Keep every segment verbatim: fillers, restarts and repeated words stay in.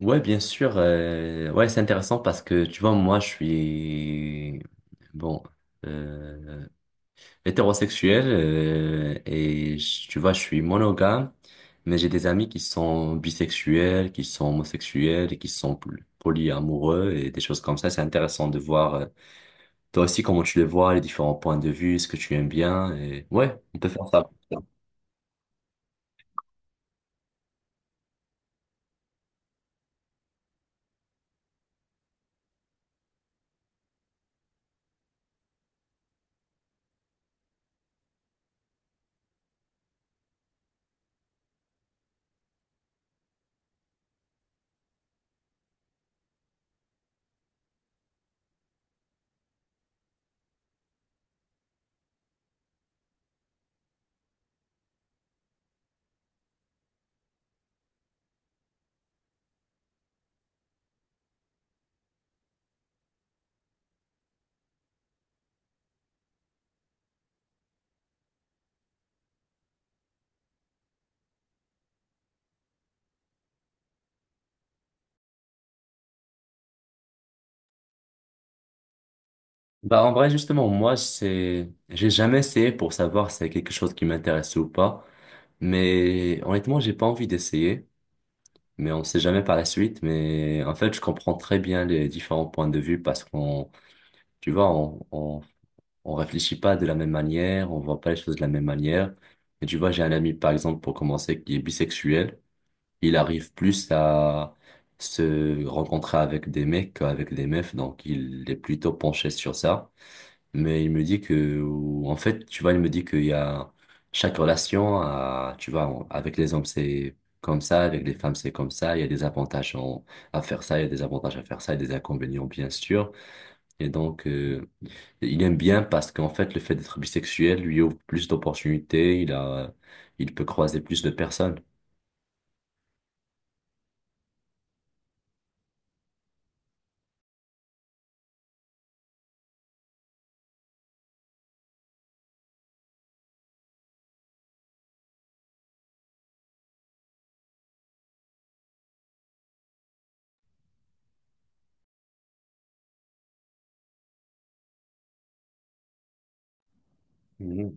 Ouais, bien sûr. Euh, ouais, c'est intéressant parce que tu vois, moi, je suis bon euh, hétérosexuel, euh, et je- tu vois, je suis monogame, mais j'ai des amis qui sont bisexuels, qui sont homosexuels, et qui sont poly- polyamoureux et des choses comme ça. C'est intéressant de voir, euh, toi aussi, comment tu les vois, les différents points de vue, ce que tu aimes bien. Et ouais, on peut faire ça. Bah, en vrai, justement, moi, c'est, j'ai jamais essayé pour savoir si c'est quelque chose qui m'intéresse ou pas. Mais honnêtement, j'ai pas envie d'essayer. Mais on sait jamais par la suite. Mais en fait, je comprends très bien les différents points de vue parce qu'on, tu vois, on, on, on réfléchit pas de la même manière, on voit pas les choses de la même manière. Et tu vois, j'ai un ami, par exemple, pour commencer, qui est bisexuel. Il arrive plus à se rencontrer avec des mecs qu'avec des meufs. Donc, il est plutôt penché sur ça. Mais il me dit que, ou- en fait, tu vois, il me dit qu'il y a chaque relation, à, tu vois, en- avec les hommes, c'est comme ça, avec les femmes, c'est comme ça. Il y a des avantages en- à faire ça, il y a des avantages à faire ça, il y a des inconvénients, bien sûr. Et donc, euh, il aime bien parce qu'en fait, le fait d'être bisexuel lui ouvre plus d'opportunités, il a, il peut croiser plus de personnes. Mhm.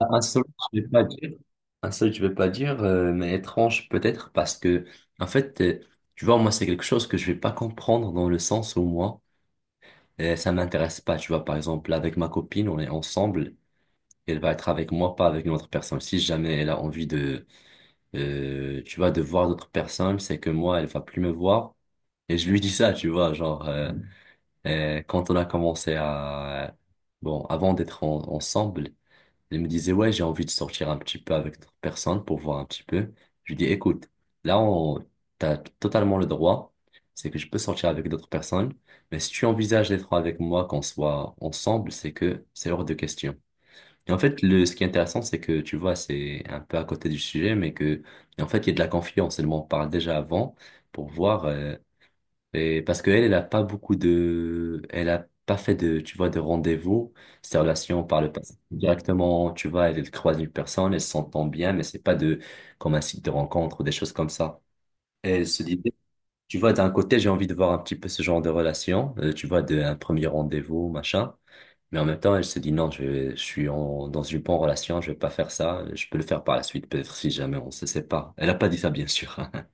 Un seul, je l'ai pas dit. Ah, ça, je vais pas dire, euh, mais étrange peut-être parce que, en fait, euh, tu vois, moi, c'est quelque chose que je vais pas comprendre dans le sens où moi, euh, ça m'intéresse pas. Tu vois, par exemple, avec ma copine, on est ensemble, elle va être avec moi, pas avec une autre personne. Si jamais elle a envie de, euh, tu vois, de voir d'autres personnes, c'est que moi, elle va plus me voir. Et je lui dis ça, tu vois, genre, euh, euh, quand on a commencé à, bon, avant d'être en- ensemble, il me disait, ouais, j'ai envie de sortir un petit peu avec d'autres personnes pour voir un petit peu. Je lui dis, écoute, là, on, t'as totalement le droit. C'est que je peux sortir avec d'autres personnes. Mais si tu envisages d'être avec moi, qu'on soit ensemble, c'est que c'est hors de question. Et en fait, le, ce qui est intéressant, c'est que, tu vois, c'est un peu à côté du sujet, mais que, en fait, il y a de la confiance. Et le on parle déjà avant pour voir, euh, et parce qu'elle, elle n'a pas beaucoup de... Elle a pas fait de, tu vois, de rendez-vous, ces relations par le passé. Directement, tu vois, elle, elle croise une personne, elle s'entend bien, mais c'est pas de, comme un site de rencontre ou des choses comme ça. Et elle se disait, tu vois, d'un côté, j'ai envie de voir un petit peu ce genre de relation, euh, tu vois, de, un premier rendez-vous, machin. Mais en même temps, elle se dit, non, je, je suis en, dans une bonne relation, je vais pas faire ça, je peux le faire par la suite, peut-être si jamais on se sépare. Elle a pas dit ça, bien sûr, hein.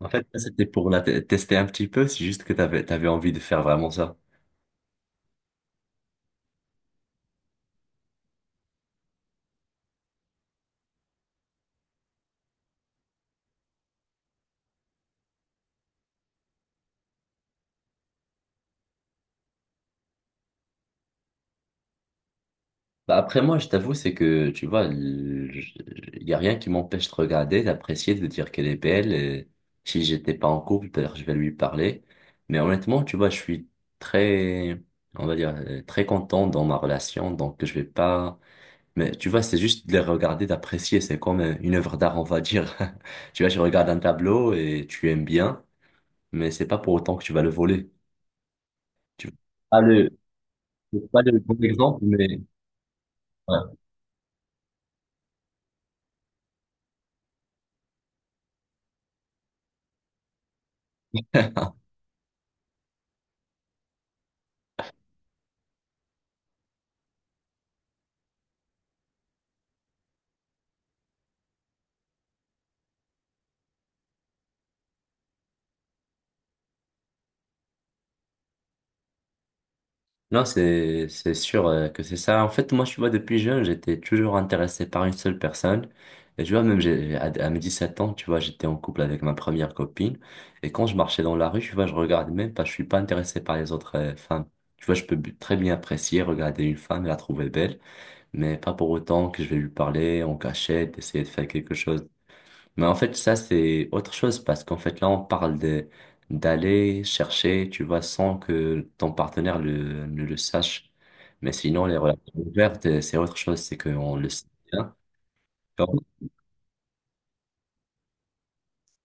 En fait, ça, c'était pour la te- tester un petit peu, c'est juste que t'avais, t'avais envie de faire vraiment ça. Bah, après, moi, je t'avoue, c'est que, tu vois, il y a rien qui m'empêche de regarder, d'apprécier, de dire qu'elle est belle. Et si j'étais pas en couple, peut-être je vais lui parler. Mais honnêtement, tu vois, je suis très, on va dire, euh, très content dans ma relation, donc je vais pas... Mais tu vois, c'est juste de les regarder, d'apprécier, c'est comme euh, une œuvre d'art, on va dire. Tu vois, tu regardes un tableau et tu aimes bien, mais c'est pas pour autant que tu vas le voler. Tu vas pas le C'est pas le bon exemple, mais ouais. Non, c'est c'est sûr, euh, que c'est ça. En fait, moi, tu vois, depuis jeune, j'étais toujours intéressé par une seule personne. Et tu vois, même j'ai, à, à mes dix-sept ans, tu vois, j'étais en couple avec ma première copine. Et quand je marchais dans la rue, tu vois, je regardais même pas, je suis pas intéressé par les autres euh, femmes. Tu vois, je peux b- très bien apprécier, regarder une femme et la trouver belle, mais pas pour autant que je vais lui parler en cachette, essayer de faire quelque chose. Mais en fait, ça, c'est autre chose parce qu'en fait, là, on parle de d'aller chercher, tu vois, sans que ton partenaire le, ne le sache. Mais sinon, les relations ouvertes, euh, c'est autre chose, c'est qu'on le sait bien. Et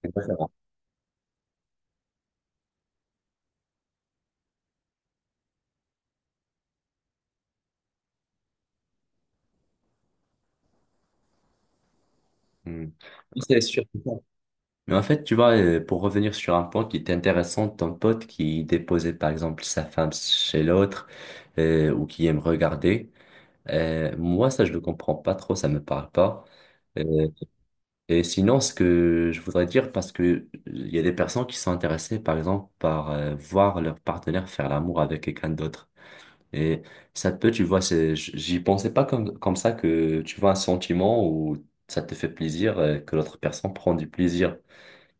c'est pas ça. Hmm. C'est sûr. Mais en fait, tu vois, euh, pour revenir sur un point qui était intéressant, ton pote qui déposait, par exemple, sa femme chez l'autre, euh, ou qui aime regarder, euh, moi, ça, je le comprends pas trop, ça me parle pas. Euh, Et sinon, ce que je voudrais dire, parce que euh, il y a des personnes qui sont intéressées, par exemple, par euh, voir leur partenaire faire l'amour avec quelqu'un d'autre. Et ça peut, tu vois, c'est, j- j'y pensais pas comme, comme ça, que tu vois un sentiment où ça te fait plaisir, euh, que l'autre personne prend du plaisir.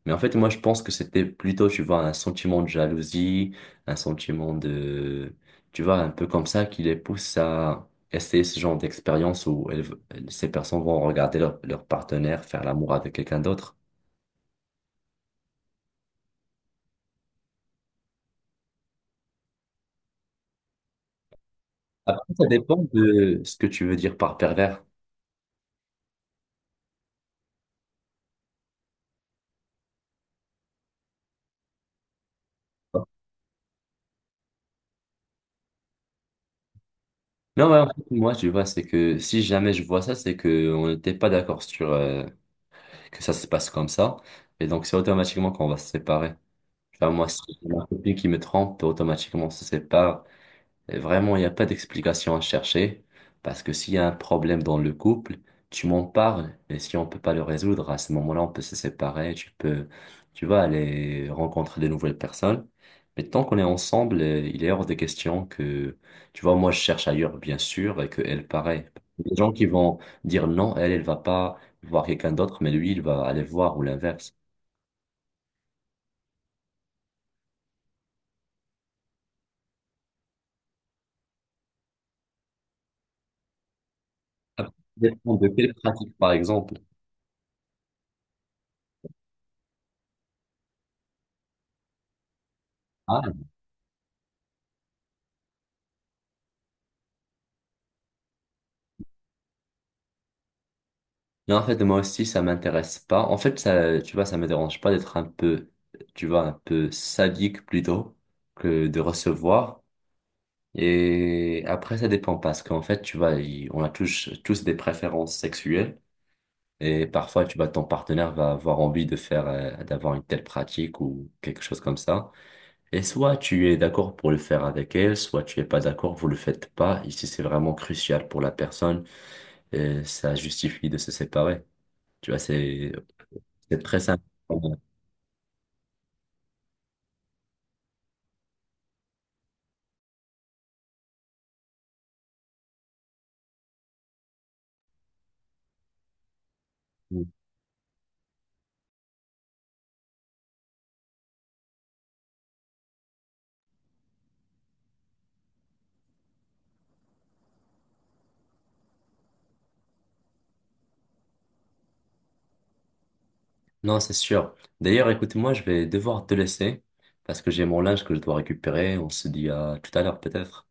Mais en fait, moi, je pense que c'était plutôt, tu vois, un sentiment de jalousie, un sentiment de, tu vois, un peu comme ça qui les pousse à essayer ce genre d'expérience où elles v- ces personnes vont regarder leur, leur partenaire faire l'amour avec quelqu'un d'autre. Après, ça dépend de ce que tu veux dire par pervers. Non, ouais, en fait, moi, tu vois, c'est que si jamais je vois ça, c'est que on n'était pas d'accord sur euh, que ça se passe comme ça. Et donc, c'est automatiquement qu'on va se séparer. Enfin, moi, si j'ai ma copine qui me trompe, automatiquement, on se sépare. Et vraiment, il n'y a pas d'explication à chercher, parce que s'il y a un problème dans le couple, tu m'en parles et si on peut pas le résoudre, à ce moment-là, on peut se séparer, tu peux, tu vas aller rencontrer de nouvelles personnes. Mais tant qu'on est ensemble, euh, il est hors de question que, tu vois, moi, je cherche ailleurs, bien sûr, et que elle, pareil. Les gens qui vont dire non, elle, elle va pas voir quelqu'un d'autre, mais lui, il va aller voir, ou l'inverse. Ça dépend de quelle pratique, par exemple. Hein, non, en fait, moi aussi, ça m'intéresse pas. En fait, ça, tu vois, ça me dérange pas d'être un peu, tu vois, un peu sadique plutôt que de recevoir. Et après, ça dépend parce qu'en fait, tu vois, il- on a tous, tous des préférences sexuelles, et parfois, tu vois, ton partenaire va avoir envie de faire, euh, d'avoir une telle pratique ou quelque chose comme ça. Et soit tu es d'accord pour le faire avec elle, soit tu es pas d'accord, vous le faites pas. Ici, c'est vraiment crucial pour la personne, et ça justifie de se séparer. Tu vois, c'est c'est très sympa. Non, c'est sûr. D'ailleurs, écoute-moi, je vais devoir te laisser parce que j'ai mon linge que je dois récupérer. On se dit à tout à l'heure, peut-être.